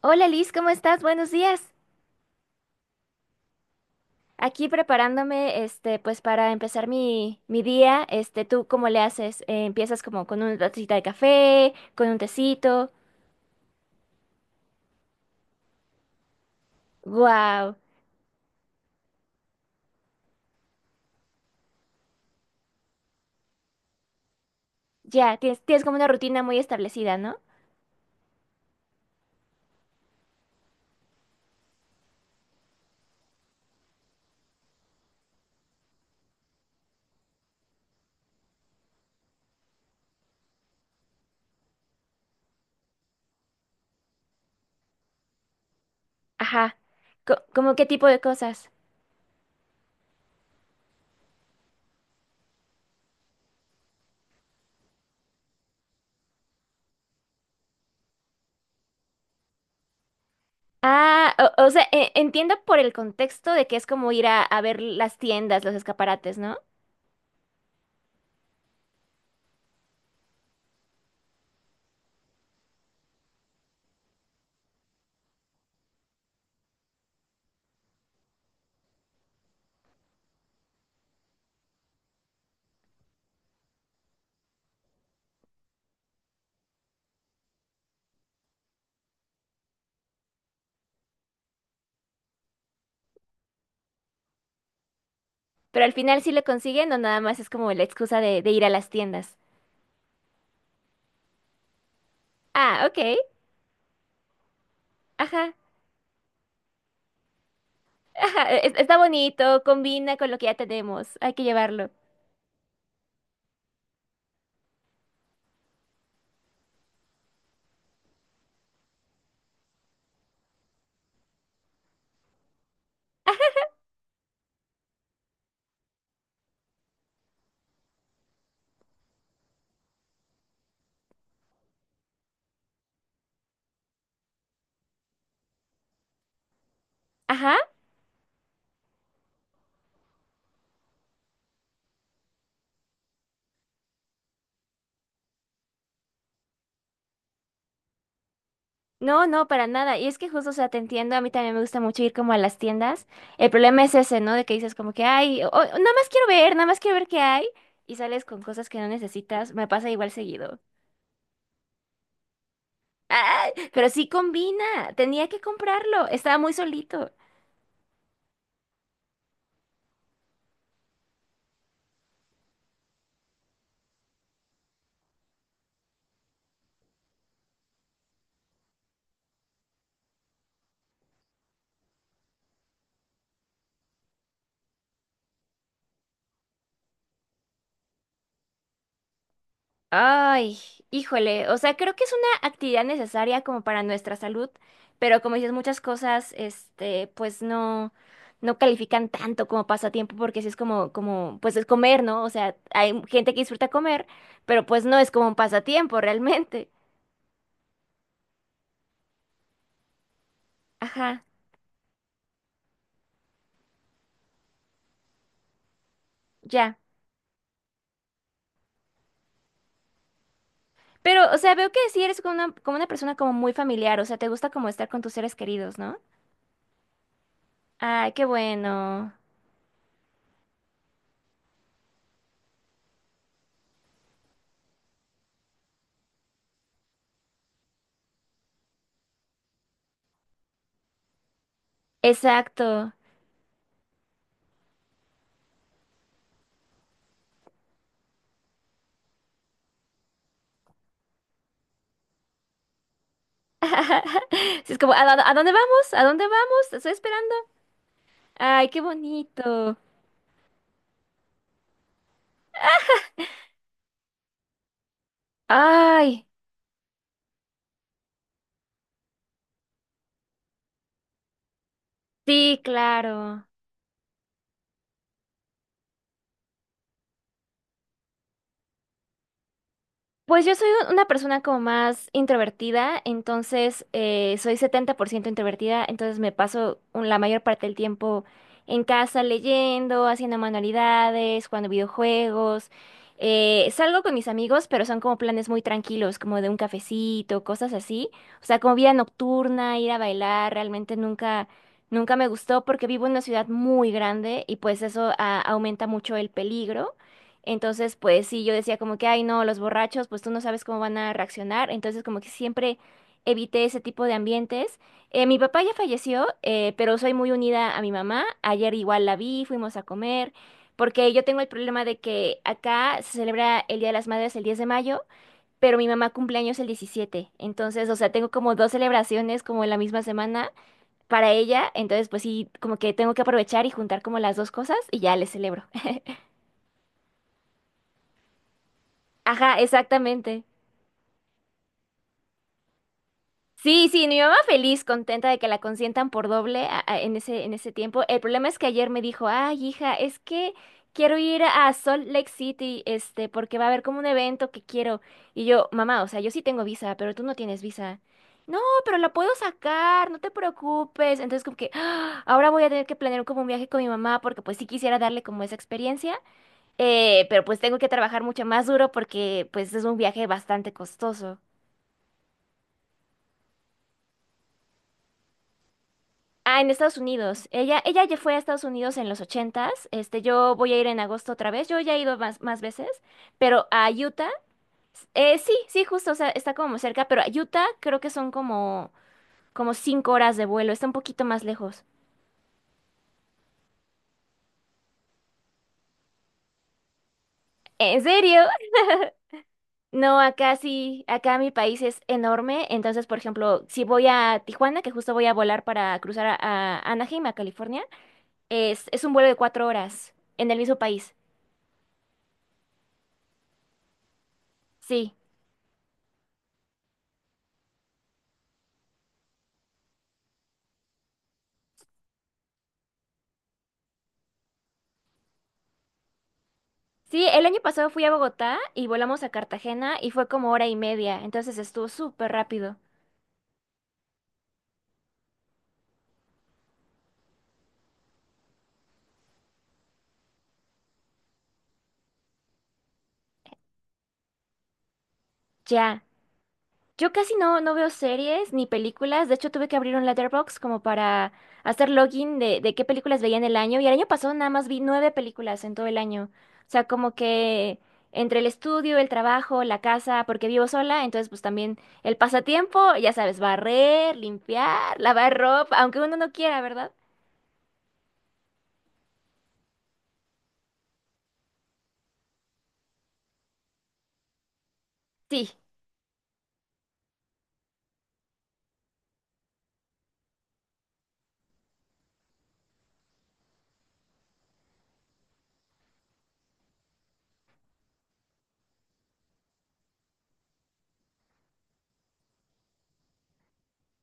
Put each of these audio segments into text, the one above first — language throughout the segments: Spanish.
Hola Liz, ¿cómo estás? Buenos días. Aquí preparándome, pues para empezar mi día, ¿tú cómo le haces? ¿Empiezas como con una tacita de café, con un tecito? Wow, ya, tienes como una rutina muy establecida, ¿no? Ajá, ¿cómo qué tipo de cosas? Ah, o sea, entiendo por el contexto de que es como ir a ver las tiendas, los escaparates, ¿no? Pero al final sí lo consiguen o nada más es como la excusa de ir a las tiendas. Ah, ok, ajá. Ajá, está bonito, combina con lo que ya tenemos, hay que llevarlo. Ajá, no, no, para nada. Y es que justo, o sea, te entiendo, a mí también me gusta mucho ir como a las tiendas. El problema es ese, ¿no? De que dices como que, ay, nada más quiero ver, nada más quiero ver qué hay. Y sales con cosas que no necesitas, me pasa igual seguido. Ay, pero sí combina, tenía que comprarlo, estaba muy solito. Ay, híjole, o sea, creo que es una actividad necesaria como para nuestra salud, pero como dices, muchas cosas, pues no califican tanto como pasatiempo, porque sí es como, pues es comer, ¿no? O sea, hay gente que disfruta comer, pero pues no es como un pasatiempo realmente. Ajá, ya. Pero, o sea, veo que sí eres como una persona como muy familiar, o sea, te gusta como estar con tus seres queridos, ¿no? Ay, qué bueno. Exacto. Sí, es como, a dónde vamos? ¿A dónde vamos? Te estoy esperando. Ay, qué bonito. Ay, sí, claro. Pues yo soy una persona como más introvertida, entonces soy 70% introvertida, entonces me paso la mayor parte del tiempo en casa leyendo, haciendo manualidades, jugando videojuegos. Salgo con mis amigos, pero son como planes muy tranquilos, como de un cafecito, cosas así. O sea, como vida nocturna, ir a bailar, realmente nunca me gustó porque vivo en una ciudad muy grande y pues eso aumenta mucho el peligro. Entonces, pues sí, yo decía como que, ay, no, los borrachos, pues tú no sabes cómo van a reaccionar. Entonces, como que siempre evité ese tipo de ambientes. Mi papá ya falleció, pero soy muy unida a mi mamá. Ayer igual la vi, fuimos a comer, porque yo tengo el problema de que acá se celebra el Día de las Madres el 10 de mayo, pero mi mamá cumpleaños el 17. Entonces, o sea, tengo como dos celebraciones como en la misma semana para ella. Entonces, pues sí, como que tengo que aprovechar y juntar como las dos cosas y ya les celebro. Ajá, exactamente. Sí, sí, mi mamá feliz, contenta de que la consientan por doble en ese tiempo. El problema es que ayer me dijo, ay, hija, es que quiero ir a Salt Lake City, porque va a haber como un evento que quiero. Y yo, mamá, o sea, yo sí tengo visa, pero tú no tienes visa. No, pero la puedo sacar, no te preocupes. Entonces, como que "Ah, ahora voy a tener que planear como un viaje con mi mamá, porque pues sí quisiera darle como esa experiencia, pero pues tengo que trabajar mucho más duro porque pues es un viaje bastante costoso. Ah, en Estados Unidos. Ella ya fue a Estados Unidos en los 80. Yo voy a ir en agosto otra vez. Yo ya he ido más, más veces, pero a Utah, sí, sí, justo, o sea, está como cerca, pero a Utah creo que son como 5 horas de vuelo. Está un poquito más lejos. ¿En serio? No, acá sí, acá mi país es enorme. Entonces, por ejemplo, si voy a Tijuana, que justo voy a volar para cruzar a Anaheim, a California, es un vuelo de 4 horas en el mismo país. Sí. Sí, el año pasado fui a Bogotá y volamos a Cartagena y fue como hora y media, entonces estuvo súper rápido. Ya. Yo casi no veo series ni películas, de hecho tuve que abrir un Letterboxd como para hacer login de qué películas veía en el año y el año pasado nada más vi nueve películas en todo el año. O sea, como que entre el estudio, el trabajo, la casa, porque vivo sola, entonces pues también el pasatiempo, ya sabes, barrer, limpiar, lavar ropa, aunque uno no quiera, ¿verdad? Sí.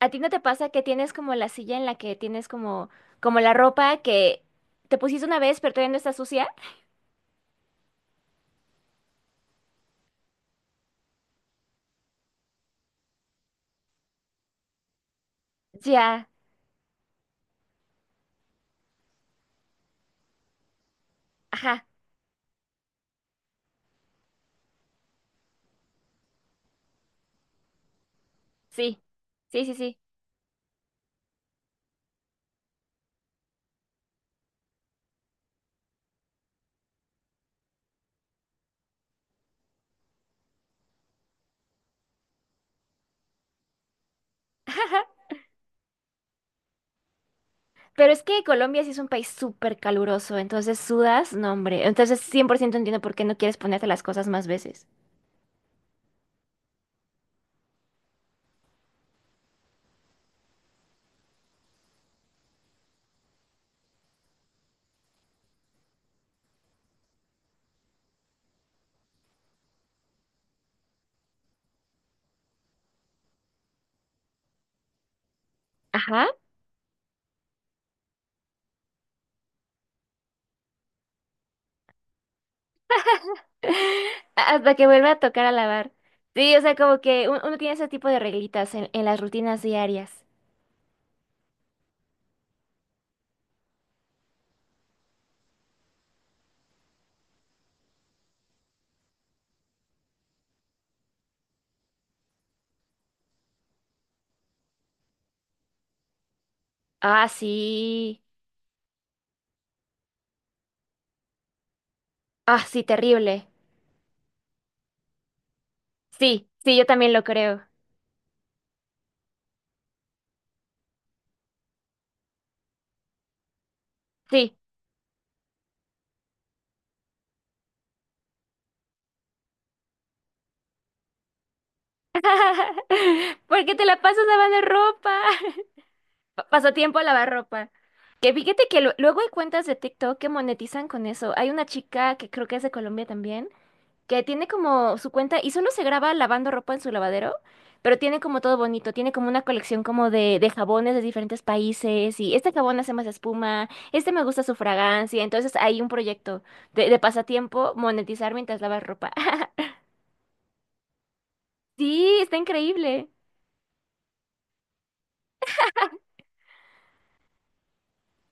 ¿A ti no te pasa que tienes como la silla en la que tienes como la ropa que te pusiste una vez, pero todavía no está sucia? Ya, ajá, sí, sí, sí, sí. Ajá. Pero es que Colombia sí es un país súper caluroso, entonces sudas, no, hombre. Entonces 100% entiendo por qué no quieres ponerte las cosas más veces. Ajá. Hasta que vuelva a tocar a lavar. Sí, o sea, como que uno tiene ese tipo de reglitas en, las rutinas diarias. Ah, sí. Ah, sí, terrible. Sí, sí, yo también lo creo. Sí. Porque te la pasas lavando ropa. Pasatiempo a lavar ropa. Que fíjate que luego hay cuentas de TikTok que monetizan con eso. Hay una chica que creo que es de Colombia también, que tiene como su cuenta y solo se graba lavando ropa en su lavadero, pero tiene como todo bonito. Tiene como una colección como de jabones de diferentes países y este jabón hace más espuma, este me gusta su fragancia. Entonces hay un proyecto de pasatiempo monetizar mientras lavas ropa. Sí, está increíble.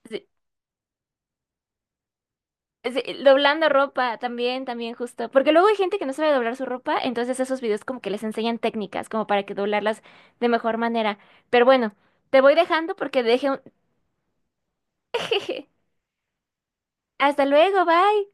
Sí, sí, doblando ropa también, justo. Porque luego hay gente que no sabe doblar su ropa, entonces esos videos como que les enseñan técnicas, como para que doblarlas de mejor manera. Pero bueno, te voy dejando porque dejé un. Hasta luego, bye.